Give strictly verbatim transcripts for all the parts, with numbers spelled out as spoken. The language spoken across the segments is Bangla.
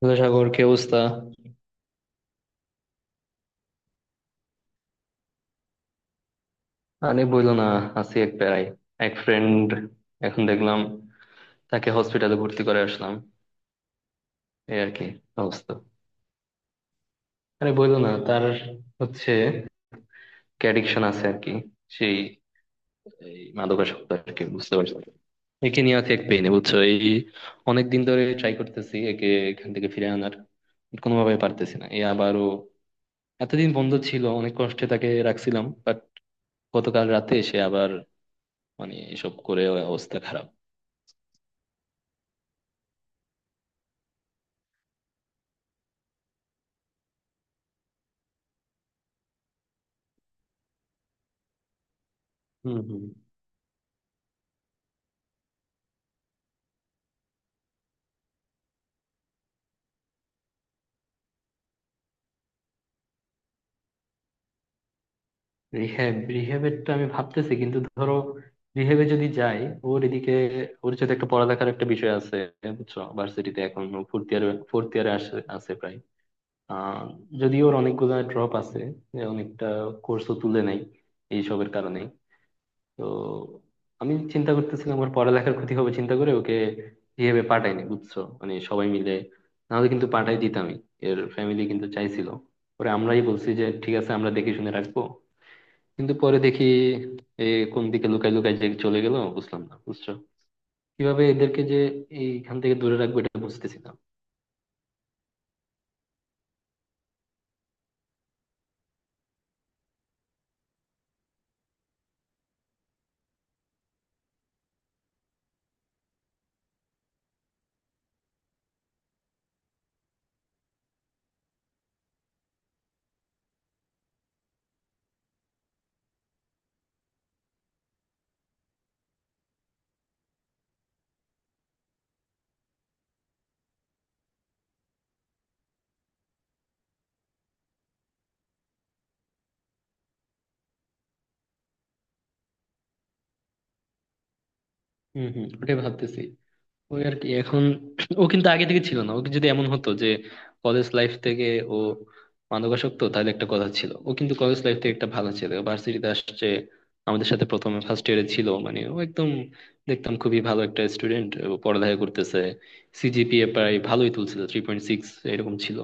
হ্যালো সাগর, কি অবস্থা? আরে বইলো না, আছি এক প্যারাই। এক ফ্রেন্ড, এখন দেখলাম তাকে হসপিটালে ভর্তি করে আসলাম। এই আর কি অবস্থা। আরে বইলো না, তার হচ্ছে অ্যাডিকশন আছে আর কি। সেই এই মাদকাসক্ত আর কি, বুঝতে পারছো? একে নিয়ে আছি এক পেইনে, বুঝছো? এই অনেক দিন ধরে ট্রাই করতেছি একে এখান থেকে ফিরে আনার, কোনোভাবে পারতেছি না। এ আবারও এতদিন বন্ধ ছিল, অনেক কষ্টে তাকে রাখছিলাম, বাট গতকাল রাতে এসে আবার মানে এসব করে, অবস্থা খারাপ। হম হম। রিহ্যাব রিহ্যাবের তো আমি ভাবতেছি, কিন্তু ধরো রিহ্যাবে যদি যাই, ওর এদিকে ওর সাথে একটা পড়ালেখার একটা বিষয় আছে, বুঝছো? ভার্সিটিতে এখন ফোর্থ ইয়ার ফোর্থ ইয়ারে আসে আছে প্রায়। আহ যদি, ওর অনেকগুলা ড্রপ আছে, যে অনেকটা কোর্সও তুলে নেই এইসবের কারণে। তো আমি চিন্তা করতেছিলাম ওর পড়ালেখার ক্ষতি হবে চিন্তা করে ওকে রিহ্যাবে পাঠাইনি, বুঝছো, মানে সবাই মিলে। নাহলে কিন্তু পাঠাই দিতামই। এর ফ্যামিলি কিন্তু চাইছিল, পরে আমরাই বলছি যে ঠিক আছে, আমরা দেখে শুনে রাখবো। কিন্তু পরে দেখি এ কোন দিকে লুকাই লুকাই যে চলে গেল বুঝলাম না, বুঝছো? কিভাবে এদেরকে যে এইখান থেকে দূরে রাখবো, এটা বুঝতেছি না। হম হম, ওটাই ভাবতেছি। ওই আর কি। এখন ও কিন্তু আগে থেকে ছিল না, ওকে যদি এমন হতো যে কলেজ লাইফ থেকে ও মাদকাসক্ত, তাহলে একটা কথা ছিল। ও কিন্তু কলেজ লাইফ থেকে একটা ভালো ছেলে, ভার্সিটিতে আসছে আমাদের সাথে। প্রথমে ফার্স্ট ইয়ারে ছিল, মানে ও একদম দেখতাম খুবই ভালো একটা স্টুডেন্ট, পড়ালেখা করতেছে। সিজিপিএ প্রায় ভালোই তুলছিল, থ্রি পয়েন্ট সিক্স এরকম ছিল।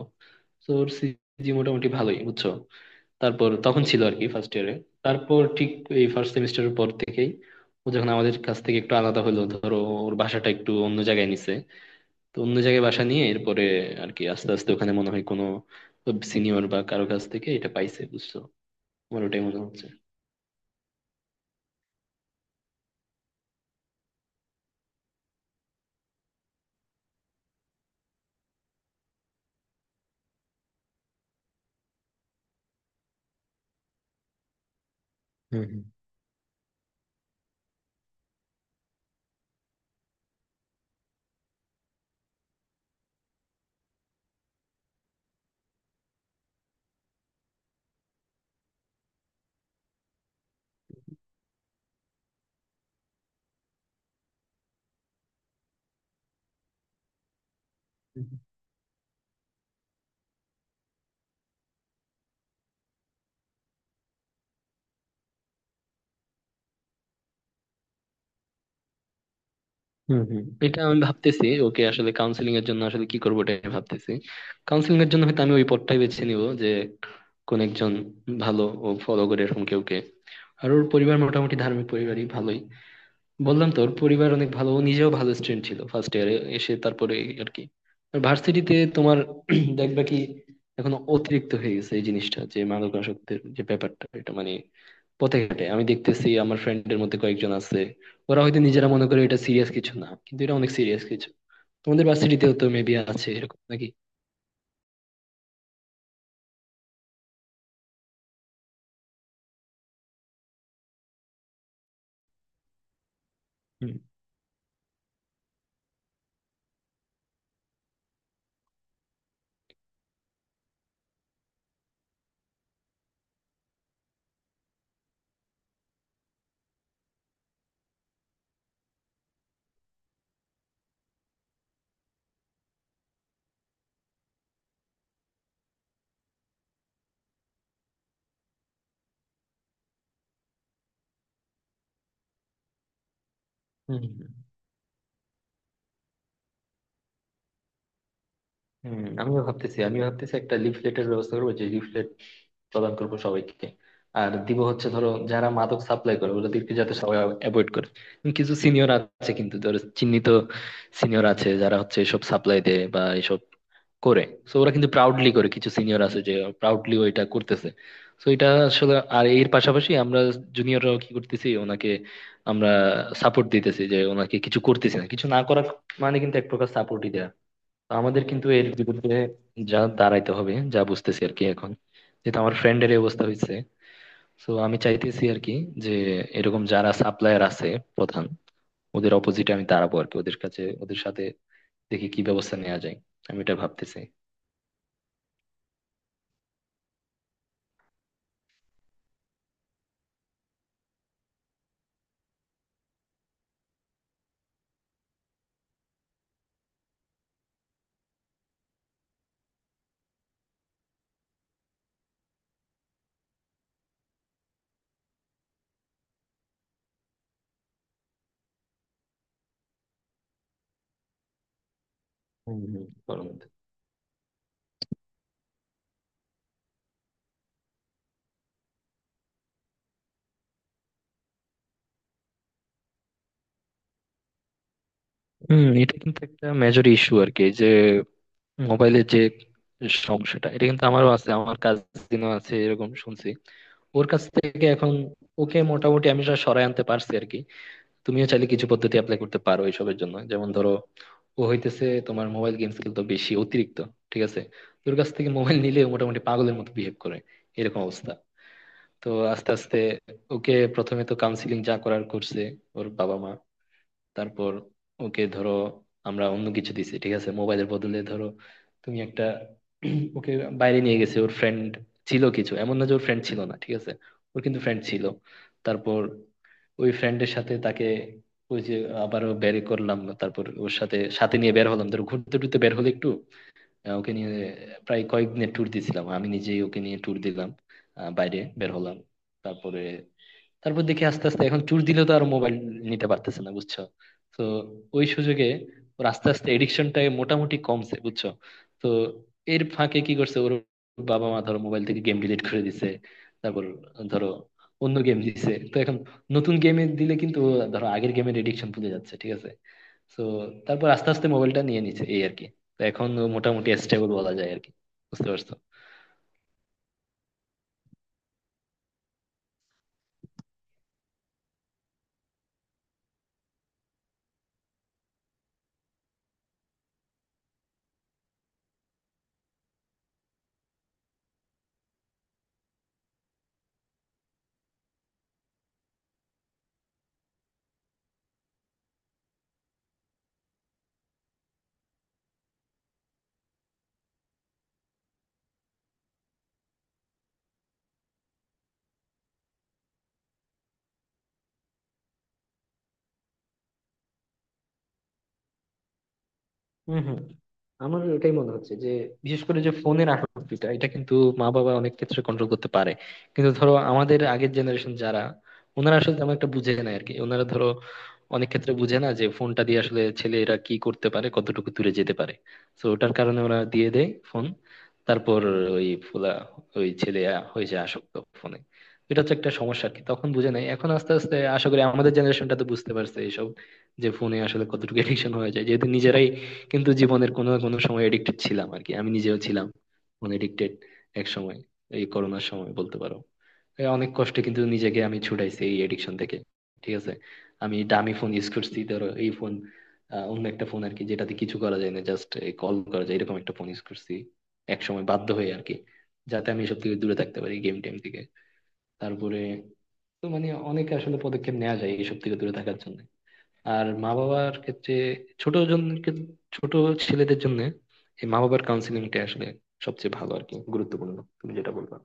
তো ওর সিজি মোটামুটি ভালোই, বুঝছো। তারপর তখন ছিল আর কি ফার্স্ট ইয়ারে। তারপর ঠিক এই ফার্স্ট সেমিস্টারের পর থেকেই ও যখন আমাদের কাছ থেকে একটু আলাদা হলো, ধরো ওর বাসাটা একটু অন্য জায়গায় নিছে। তো অন্য জায়গায় বাসা নিয়ে এরপরে আর কি আস্তে আস্তে ওখানে মনে হয় কোনো সিনিয়র বা কারো কাছ থেকে এটা পাইছে, বুঝছো? আমার ওটাই মনে হচ্ছে। হুম হুম। হুম হুম এটা আমি ভাবতেছি ওকে আসলে কাউন্সিলিং এর জন্য আসলে কি করবো এটা ভাবতেছি। কাউন্সিলিং এর জন্য হয়তো আমি ওই পথটাই বেছে নিব, যে কোন একজন ভালো ও ফলো করে এরকম কেউকে। আর ওর পরিবার মোটামুটি ধার্মিক পরিবারই, ভালোই। বললাম তো ওর পরিবার অনেক ভালো, ও নিজেও ভালো স্টুডেন্ট ছিল ফার্স্ট ইয়ারে এসে, তারপরে আর কি। আর ভার্সিটিতে তোমার দেখবা কি এখন অতিরিক্ত হয়ে গেছে এই জিনিসটা, যে মাদকাসক্তের যে ব্যাপারটা, এটা মানে পথে ঘাটে আমি দেখতেছি। আমার ফ্রেন্ডের মধ্যে কয়েকজন আছে, ওরা হয়তো নিজেরা মনে করে এটা সিরিয়াস কিছু না, কিন্তু এটা অনেক সিরিয়াস কিছু। তোমাদের ভার্সিটিতেও তো মেবি আছে এরকম, নাকি? হুম হুম হুম। হম আমিও ভাবতেছি, আমিও ভাবতেছি একটা লিফলেটের ব্যবস্থা করবো, যে লিফলেট প্রদান করবো সবাইকে। আর দিব হচ্ছে ধরো যারা মাদক সাপ্লাই করে ওদেরকে, যাতে সবাই অ্যাভয়েড করে। কিন্তু কিছু সিনিয়র আছে কিন্তু ধরো, চিহ্নিত সিনিয়র আছে, যারা হচ্ছে এসব সাপ্লাই দেয় বা এসব করে। সো ওরা কিন্তু প্রাউডলি করে, কিছু সিনিয়র আছে যে প্রাউডলি ওইটা করতেছে। তো এটা আসলে, আর এর পাশাপাশি আমরা জুনিয়ররাও কি করতেছি, ওনাকে আমরা সাপোর্ট দিতেছি। যে ওনাকে কিছু করতেছি না, কিছু না করা মানে কিন্তু এক প্রকার সাপোর্টই দেয়া। তো আমাদের কিন্তু এর বিরুদ্ধে যা দাঁড়াইতে হবে, যা বুঝতেছি আর কি এখন যেহেতু আমার ফ্রেন্ডের এই অবস্থা হয়েছে। তো আমি চাইতেছি আর কি যে এরকম যারা সাপ্লায়ার আছে প্রধান, ওদের অপোজিটে আমি দাঁড়াবো আর কি, ওদের কাছে ওদের সাথে দেখি কি ব্যবস্থা নেওয়া যায়। আমি এটা ভাবতেছি। হুম, হুম। গরমের মধ্যে। হুম, এটা কিন্তু একটা মেজর ইস্যু আর কি, যে মোবাইলের যে সমস্যাটা, এটা কিন্তু আমারও আছে, আমার কাজিনও আছে এরকম, শুনছি ওর কাছ থেকে। এখন ওকে মোটামুটি আমি সরায় আনতে পারছি আর কি। তুমিও চাইলে কিছু পদ্ধতি অ্যাপ্লাই করতে পারো এইসবের জন্য। যেমন ধরো, ও হইতেছে তোমার মোবাইল গেমস খেলতো বেশি অতিরিক্ত, ঠিক আছে? তোর কাছ থেকে মোবাইল নিলে ও মোটামুটি পাগলের মতো বিহেভ করে, এরকম অবস্থা। তো আস্তে আস্তে ওকে প্রথমে তো কাউন্সিলিং যা করার করছে ওর বাবা মা। তারপর ওকে ধরো আমরা অন্য কিছু দিছি, ঠিক আছে মোবাইলের বদলে ধরো। তুমি একটা ওকে বাইরে নিয়ে গেছে ওর ফ্রেন্ড ছিল কিছু, এমন না যে ওর ফ্রেন্ড ছিল না, ঠিক আছে, ওর কিন্তু ফ্রেন্ড ছিল। তারপর ওই ফ্রেন্ডের সাথে তাকে ওই যে আবারও বের করলাম। তারপর ওর সাথে সাথে নিয়ে বের হলাম, ধরো ঘুরতে টুরতে বের হলো একটু। আহ, ওকে নিয়ে প্রায় কয়েকদিনের ট্যুর দিয়েছিলাম, আমি নিজেই ওকে নিয়ে ট্যুর দিলাম, আহ, বাইরে বের হলাম। তারপরে তারপর দেখি আস্তে আস্তে এখন ট্যুর দিলেও তো আর মোবাইল নিতে পারতেছে না, বুঝছো? তো ওই সুযোগে ওর আস্তে আস্তে এডিকশনটা মোটামুটি কমছে, বুঝছো। তো এর ফাঁকে কি করছে, ওর বাবা মা ধরো মোবাইল থেকে গেম ডিলিট করে দিছে। তারপর ধরো অন্য গেম দিছে, তো এখন নতুন গেমে দিলে কিন্তু ও ধরো আগের গেমের এডিকশন ভুলে যাচ্ছে, ঠিক আছে। তো তারপর আস্তে আস্তে মোবাইলটা নিয়ে নিছে, এই আর কি। তো এখন ও মোটামুটি স্টেবল বলা যায় আরকি। বুঝতে পারছো? হম হম, আমার ওটাই মনে হচ্ছে যে বিশেষ করে যে ফোনের আসক্তিটা, এটা কিন্তু মা বাবা অনেক ক্ষেত্রে কন্ট্রোল করতে পারে। কিন্তু ধরো আমাদের আগের জেনারেশন যারা, ওনারা আসলে তেমন একটা বুঝে না আরকি। ওনারা ধরো অনেক ক্ষেত্রে বুঝে না যে ফোনটা দিয়ে আসলে ছেলেরা কি করতে পারে, কতটুকু দূরে যেতে পারে। তো ওটার কারণে ওরা দিয়ে দেয় ফোন। তারপর ওই ফুলা, ওই ছেলে হয়ে যায় আসক্ত ফোনে। এটা হচ্ছে একটা সমস্যা আর কি, তখন বুঝে নাই। এখন আস্তে আস্তে আশা করি আমাদের জেনারেশনটা তো বুঝতে পারছে এইসব, যে ফোনে আসলে কতটুকু এডিকশন হয়ে যায়, যেহেতু নিজেরাই কিন্তু জীবনের কোনো না কোনো সময় এডিক্টেড ছিলাম আর কি। আমি নিজেও ছিলাম মানে এডিক্টেড এক সময়, এই করোনার সময় বলতে পারো। এ অনেক কষ্টে কিন্তু নিজেকে আমি ছুটাইছি এই এডিকশন থেকে। ঠিক আছে, আমি দামি ফোন ইউজ করছি ধরো এই ফোন, অন্য একটা ফোন আর কি, যেটাতে কিছু করা যায় না, জাস্ট কল করা যায়, এরকম একটা ফোন ইউজ করছি এক সময় বাধ্য হয়ে আর কি, যাতে আমি এসব থেকে দূরে থাকতে পারি, গেম টেম থেকে। তারপরে, তো মানে অনেক আসলে পদক্ষেপ নেওয়া যায় এইসব থেকে দূরে থাকার জন্য। আর মা বাবার ক্ষেত্রে ছোট জন, ছোট ছেলেদের জন্য এই মা বাবার কাউন্সিলিংটা আসলে সবচেয়ে ভালো আর কি, গুরুত্বপূর্ণ তুমি যেটা বলবা।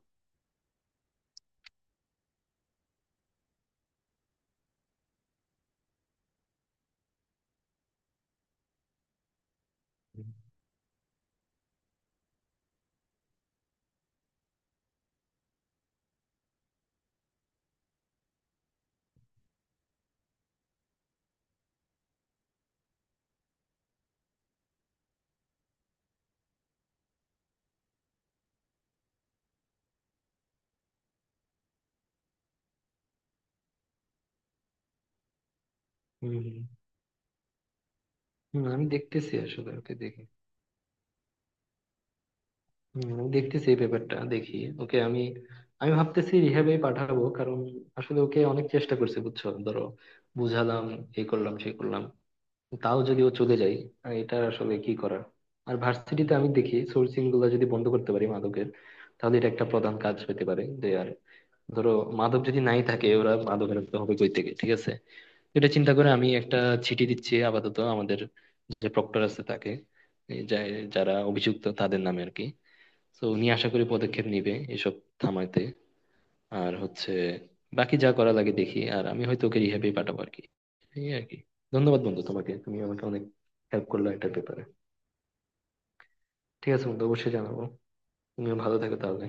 হম হম, আমি দেখতেছি আসলে ওকে, দেখি। হম, আমি দেখতেছি এই ব্যাপারটা, দেখি ওকে আমি। আমি ভাবতেছি রিহ্যাবে পাঠাবো, কারণ আসলে ওকে অনেক চেষ্টা করছে, বুঝছো, ধরো বুঝালাম, এই করলাম সেই করলাম, তাও যদি ও চলে যায়, আহ, এটা আসলে কি করার। আর ভার্সিটিতে আমি দেখি সোর্সিং গুলো যদি বন্ধ করতে পারি মাদকের, তাহলে এটা একটা প্রধান কাজ হতে পারে। ধরো মাদক যদি নাই থাকে, ওরা মাদক রাখতে হবে কই থেকে, ঠিক আছে। এটা চিন্তা করে আমি একটা চিঠি দিচ্ছি আপাতত আমাদের যে প্রক্টর আছে তাকে, এই যা- যারা অভিযুক্ত তাদের নামে আর কি। তো উনি আশা করি পদক্ষেপ নিবে এসব থামাইতে। আর হচ্ছে বাকি যা করা লাগে দেখি, আর আমি হয়তো ওকে রিহ্যাবে পাঠাবো আর কি, এই আর কি। ধন্যবাদ বন্ধু তোমাকে, তুমি আমাকে অনেক হেল্প করলো এটার ব্যাপারে। ঠিক আছে বন্ধু, অবশ্যই জানাবো। তুমিও ভালো থাকো তাহলে।